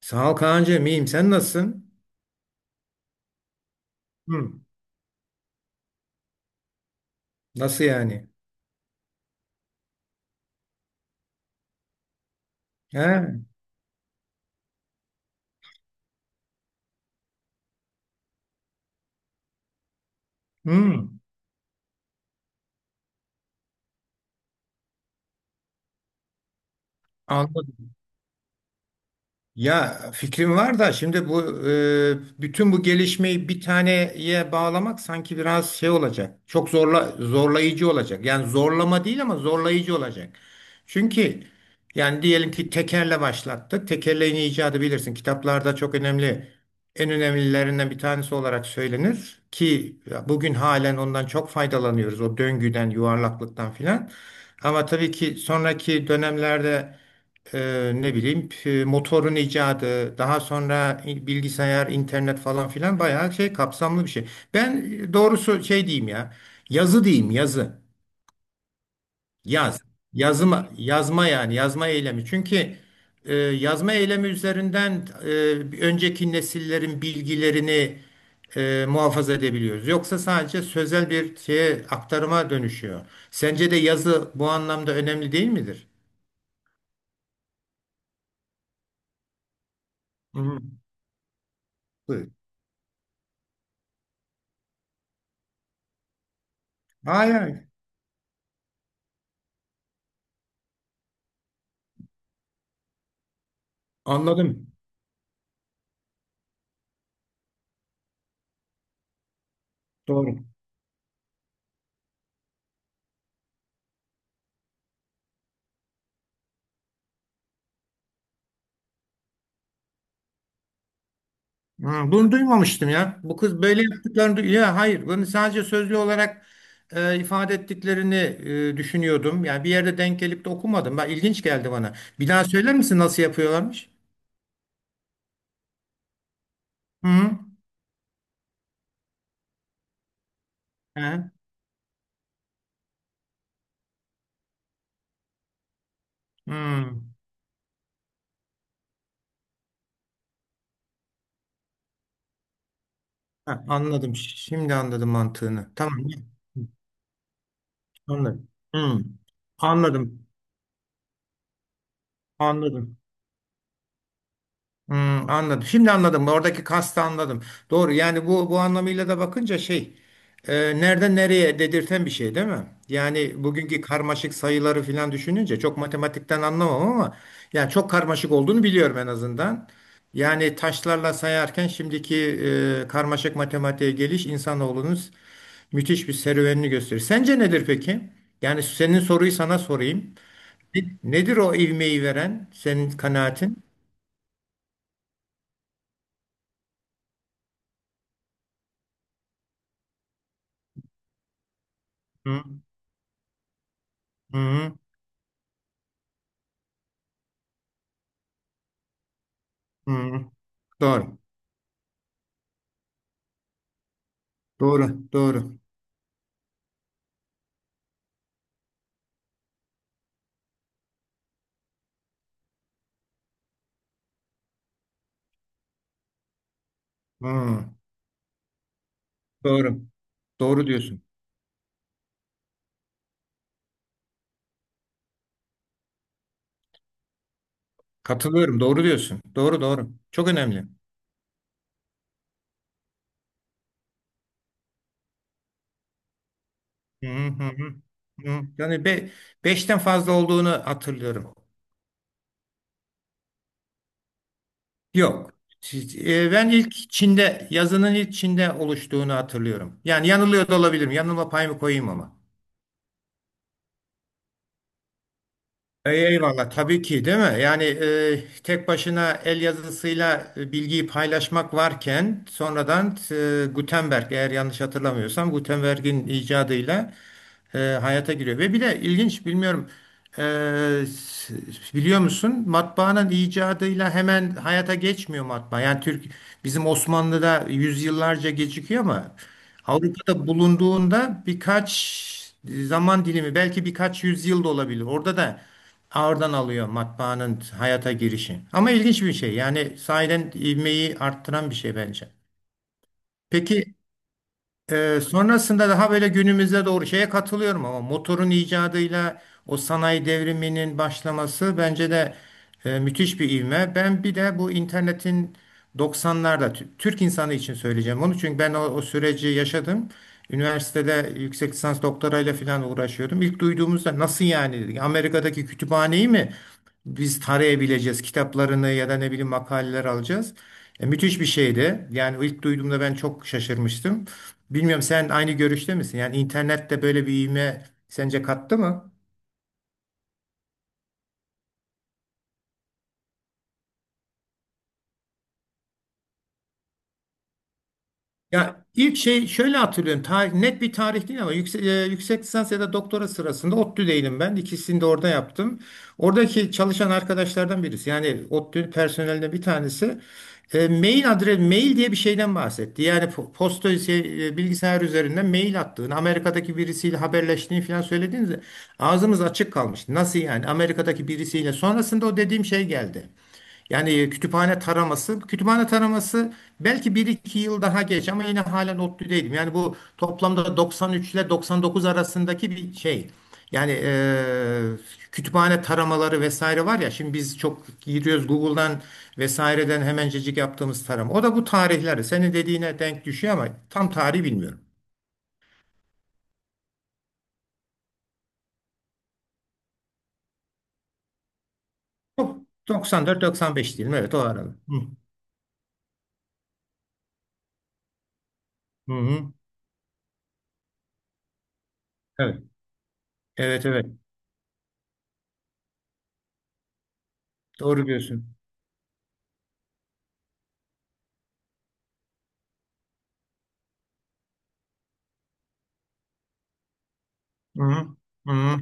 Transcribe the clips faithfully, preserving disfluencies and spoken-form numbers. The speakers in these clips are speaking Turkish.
Sağ ol Kaan'cığım, iyiyim. Sen nasılsın? Hı. Nasıl yani? He? Hı. Anladım. Ya, fikrim var da şimdi bu e, bütün bu gelişmeyi bir taneye bağlamak sanki biraz şey olacak. Çok zorla zorlayıcı olacak. Yani zorlama değil ama zorlayıcı olacak. Çünkü yani diyelim ki tekerle başlattık. Tekerleğin icadı bilirsin. Kitaplarda çok önemli, en önemlilerinden bir tanesi olarak söylenir ki bugün halen ondan çok faydalanıyoruz. O döngüden, yuvarlaklıktan filan. Ama tabii ki sonraki dönemlerde e, ne bileyim, p- motorun icadı, daha sonra bilgisayar, internet falan filan, bayağı şey, kapsamlı bir şey. Ben e, doğrusu şey diyeyim ya. Yazı diyeyim, yazı. Yaz. Yazma, yazma, yani yazma eylemi. Çünkü e, yazma eylemi üzerinden e, önceki nesillerin bilgilerini e, muhafaza edebiliyoruz. Yoksa sadece sözel bir şeye, aktarıma dönüşüyor. Sence de yazı bu anlamda önemli değil midir? Hı hı. Evet. Hayır. Anladım. Doğru. Ha, bunu duymamıştım ya. Bu kız böyle yaptıklarını du- ya hayır, bunu sadece sözlü olarak e, ifade ettiklerini e, düşünüyordum. Yani bir yerde denk gelip de okumadım. Bak, ilginç geldi bana. Bir daha söyler misin, nasıl yapıyorlarmış? Hı hı. He. Hı. Ha, anladım. Şimdi anladım mantığını. Tamam. Anladım. Hı. Anladım. Anladım. Hmm, anladım. Şimdi anladım. Oradaki kastı anladım. Doğru. Yani bu bu anlamıyla da bakınca şey, e, nereden nereye dedirten bir şey değil mi? Yani bugünkü karmaşık sayıları falan düşününce, çok matematikten anlamam ama yani çok karmaşık olduğunu biliyorum en azından. Yani taşlarla sayarken şimdiki e, karmaşık matematiğe geliş insanoğlunun müthiş bir serüvenini gösterir. Sence nedir peki? Yani senin soruyu sana sorayım. Ne- Nedir o ivmeyi veren senin kanaatin? Hı hı. Hı. Doğru. Doğru. Doğru. Hı. Doğru. Doğru diyorsun. Katılıyorum. Doğru diyorsun. Doğru, doğru. Çok önemli. Hı hı hı. Hı. Yani be, beşten fazla olduğunu hatırlıyorum. Yok. Siz- e, Ben ilk Çin'de yazının ilk Çin'de oluştuğunu hatırlıyorum. Yani yanılıyor da olabilirim. Yanılma payımı koyayım ama. Ey- Eyvallah, tabii ki değil mi? Yani e, tek başına el yazısıyla e, bilgiyi paylaşmak varken, sonradan e, Gutenberg, eğer yanlış hatırlamıyorsam Gutenberg'in icadıyla e, hayata giriyor. Ve bir de ilginç, bilmiyorum, e, s- biliyor musun, matbaanın icadıyla hemen hayata geçmiyor matbaa. Yani Türk bizim Osmanlı'da yüzyıllarca gecikiyor ama Avrupa'da bulunduğunda birkaç zaman dilimi, belki birkaç yüzyıl da olabilir. Orada da Oradan alıyor matbaanın hayata girişi. Ama ilginç bir şey. Yani sahiden ivmeyi arttıran bir şey bence. Peki, e, sonrasında daha böyle günümüze doğru şeye katılıyorum ama motorun icadıyla o sanayi devriminin başlaması bence de e, müthiş bir ivme. Ben bir de bu internetin doksanlarda tü- Türk insanı için söyleyeceğim onu. Çünkü ben o, o süreci yaşadım. Üniversitede yüksek lisans doktorayla falan uğraşıyordum. İlk duyduğumuzda nasıl yani dedik. Amerika'daki kütüphaneyi mi? Biz tarayabileceğiz kitaplarını ya da ne bileyim makaleler alacağız. E, müthiş bir şeydi. Yani ilk duyduğumda ben çok şaşırmıştım. Bilmiyorum, sen aynı görüşte misin? Yani internette böyle bir ivme sence kattı mı? Ya ilk şey şöyle hatırlıyorum. Tarih, net bir tarih değil ama yüksek, e, yüksek lisans ya da doktora sırasında ODTÜ'deydim ben. İkisini de orada yaptım. Oradaki çalışan arkadaşlardan birisi, yani ODTÜ personelinden bir tanesi e, mail adres mail diye bir şeyden bahsetti. Yani po- posta şey, e, bilgisayar üzerinden mail attığını, Amerika'daki birisiyle haberleştiğini falan söylediğinizde, ağzımız açık kalmıştı. Nasıl yani? Amerika'daki birisiyle. Sonrasında o dediğim şey geldi. Yani e, kütüphane taraması, kütüphane taraması belki bir iki yıl daha geç ama yine halen ODTÜ'deydim. Yani bu toplamda doksan üç ile doksan dokuz arasındaki bir şey. Yani eee, kütüphane taramaları vesaire var ya, şimdi biz çok giriyoruz Google'dan vesaireden hemencecik yaptığımız tarama. O da bu tarihleri senin dediğine denk düşüyor ama tam tarihi bilmiyorum. Yok, doksan dört doksan beş diyelim, evet, o arada. Hı, hı, hı. Evet, evet, evet, doğru diyorsun. Hı, hı. Hı hı.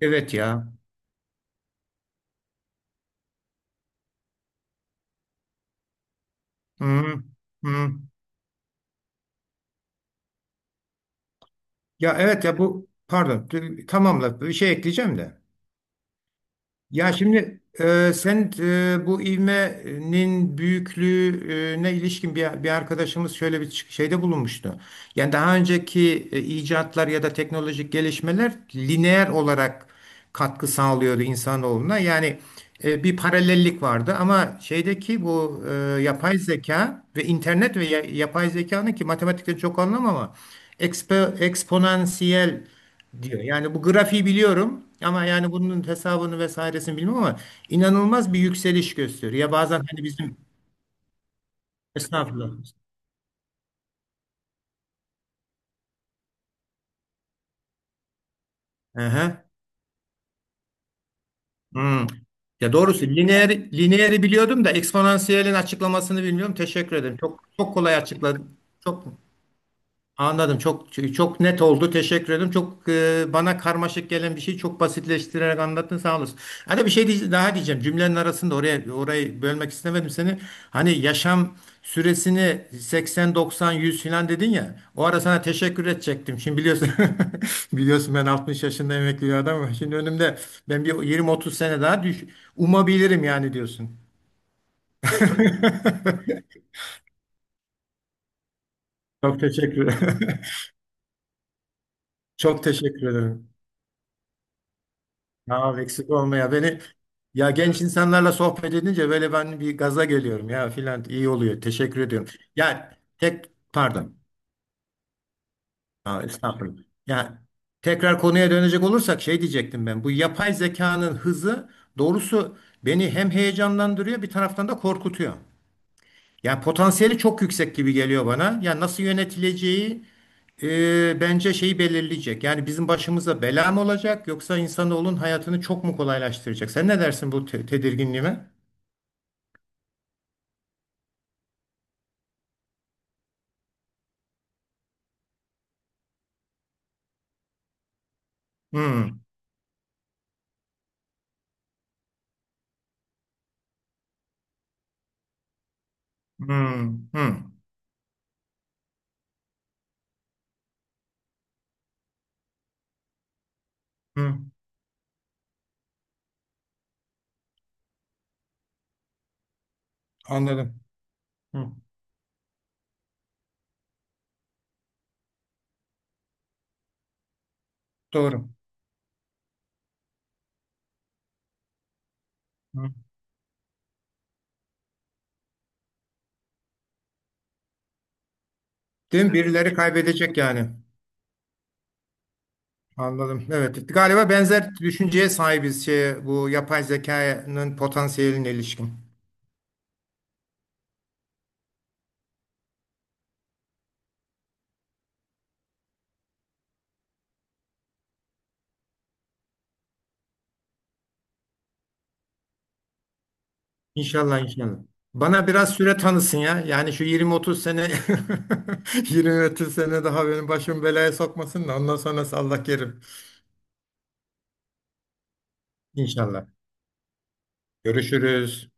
Evet ya. Hmm, hmm. Ya evet ya, bu, pardon, t- tamamla, bir şey ekleyeceğim de. Ya şimdi, e, sen, e, bu ivmenin büyüklüğüne ilişkin bir, bir arkadaşımız şöyle bir çık- şeyde bulunmuştu. Yani daha önceki e, icatlar ya da teknolojik gelişmeler lineer olarak katkı sağlıyordu insanoğluna. Yani e, bir paralellik vardı ama şeydeki bu e, yapay zeka ve internet ve ya- yapay zekanın, ki matematikte çok anlamam ama ekspo, eksponansiyel diyor. Yani bu grafiği biliyorum ama yani bunun hesabını vesairesini bilmem ama inanılmaz bir yükseliş gösteriyor. Ya bazen hani bizim estağfurullah. Aha. Hmm. Ya doğrusu lineer, lineeri biliyordum da eksponansiyelin açıklamasını bilmiyorum. Teşekkür ederim. Çok çok kolay açıkladın. Çok anladım. Çok çok net oldu. Teşekkür ederim. Çok, e, bana karmaşık gelen bir şeyi çok basitleştirerek anlattın. Sağ olasın. Hani bir şey diye- daha diyeceğim. Cümlenin arasında oraya orayı bölmek istemedim seni. Hani yaşam süresini seksen doksan yüz falan dedin ya. O ara sana teşekkür edecektim. Şimdi biliyorsun biliyorsun ben altmış yaşında emekli bir adamım. Şimdi önümde ben bir yirmi otuz sene daha düş umabilirim yani diyorsun. Çok teşekkür. Çok teşekkür ederim. Ya eksik olma ya. Beni ya genç insanlarla sohbet edince böyle ben bir gaza geliyorum ya filan, iyi oluyor. Teşekkür ediyorum. Yani tek pardon. Ha, estağfurullah. Yani tekrar konuya dönecek olursak şey diyecektim ben. Bu yapay zekanın hızı doğrusu beni hem heyecanlandırıyor, bir taraftan da korkutuyor. Yani potansiyeli çok yüksek gibi geliyor bana. Yani nasıl yönetileceği e, bence şeyi belirleyecek. Yani bizim başımıza bela mı olacak, yoksa insanoğlunun hayatını çok mu kolaylaştıracak? Sen ne dersin bu te- tedirginliğime? Hmm, hmm, hmm, hmm. Anladım. Hmm, doğru. Hmm. Değil mi? Birileri kaybedecek yani. Anladım. Evet. Galiba benzer düşünceye sahibiz şey, bu yapay zekanın potansiyeline ilişkin. İnşallah, inşallah. Bana biraz süre tanısın ya. Yani şu yirmi otuz sene yirmi otuz sene daha benim başımı belaya sokmasın da ondan sonrası Allah kerim. İnşallah. Görüşürüz.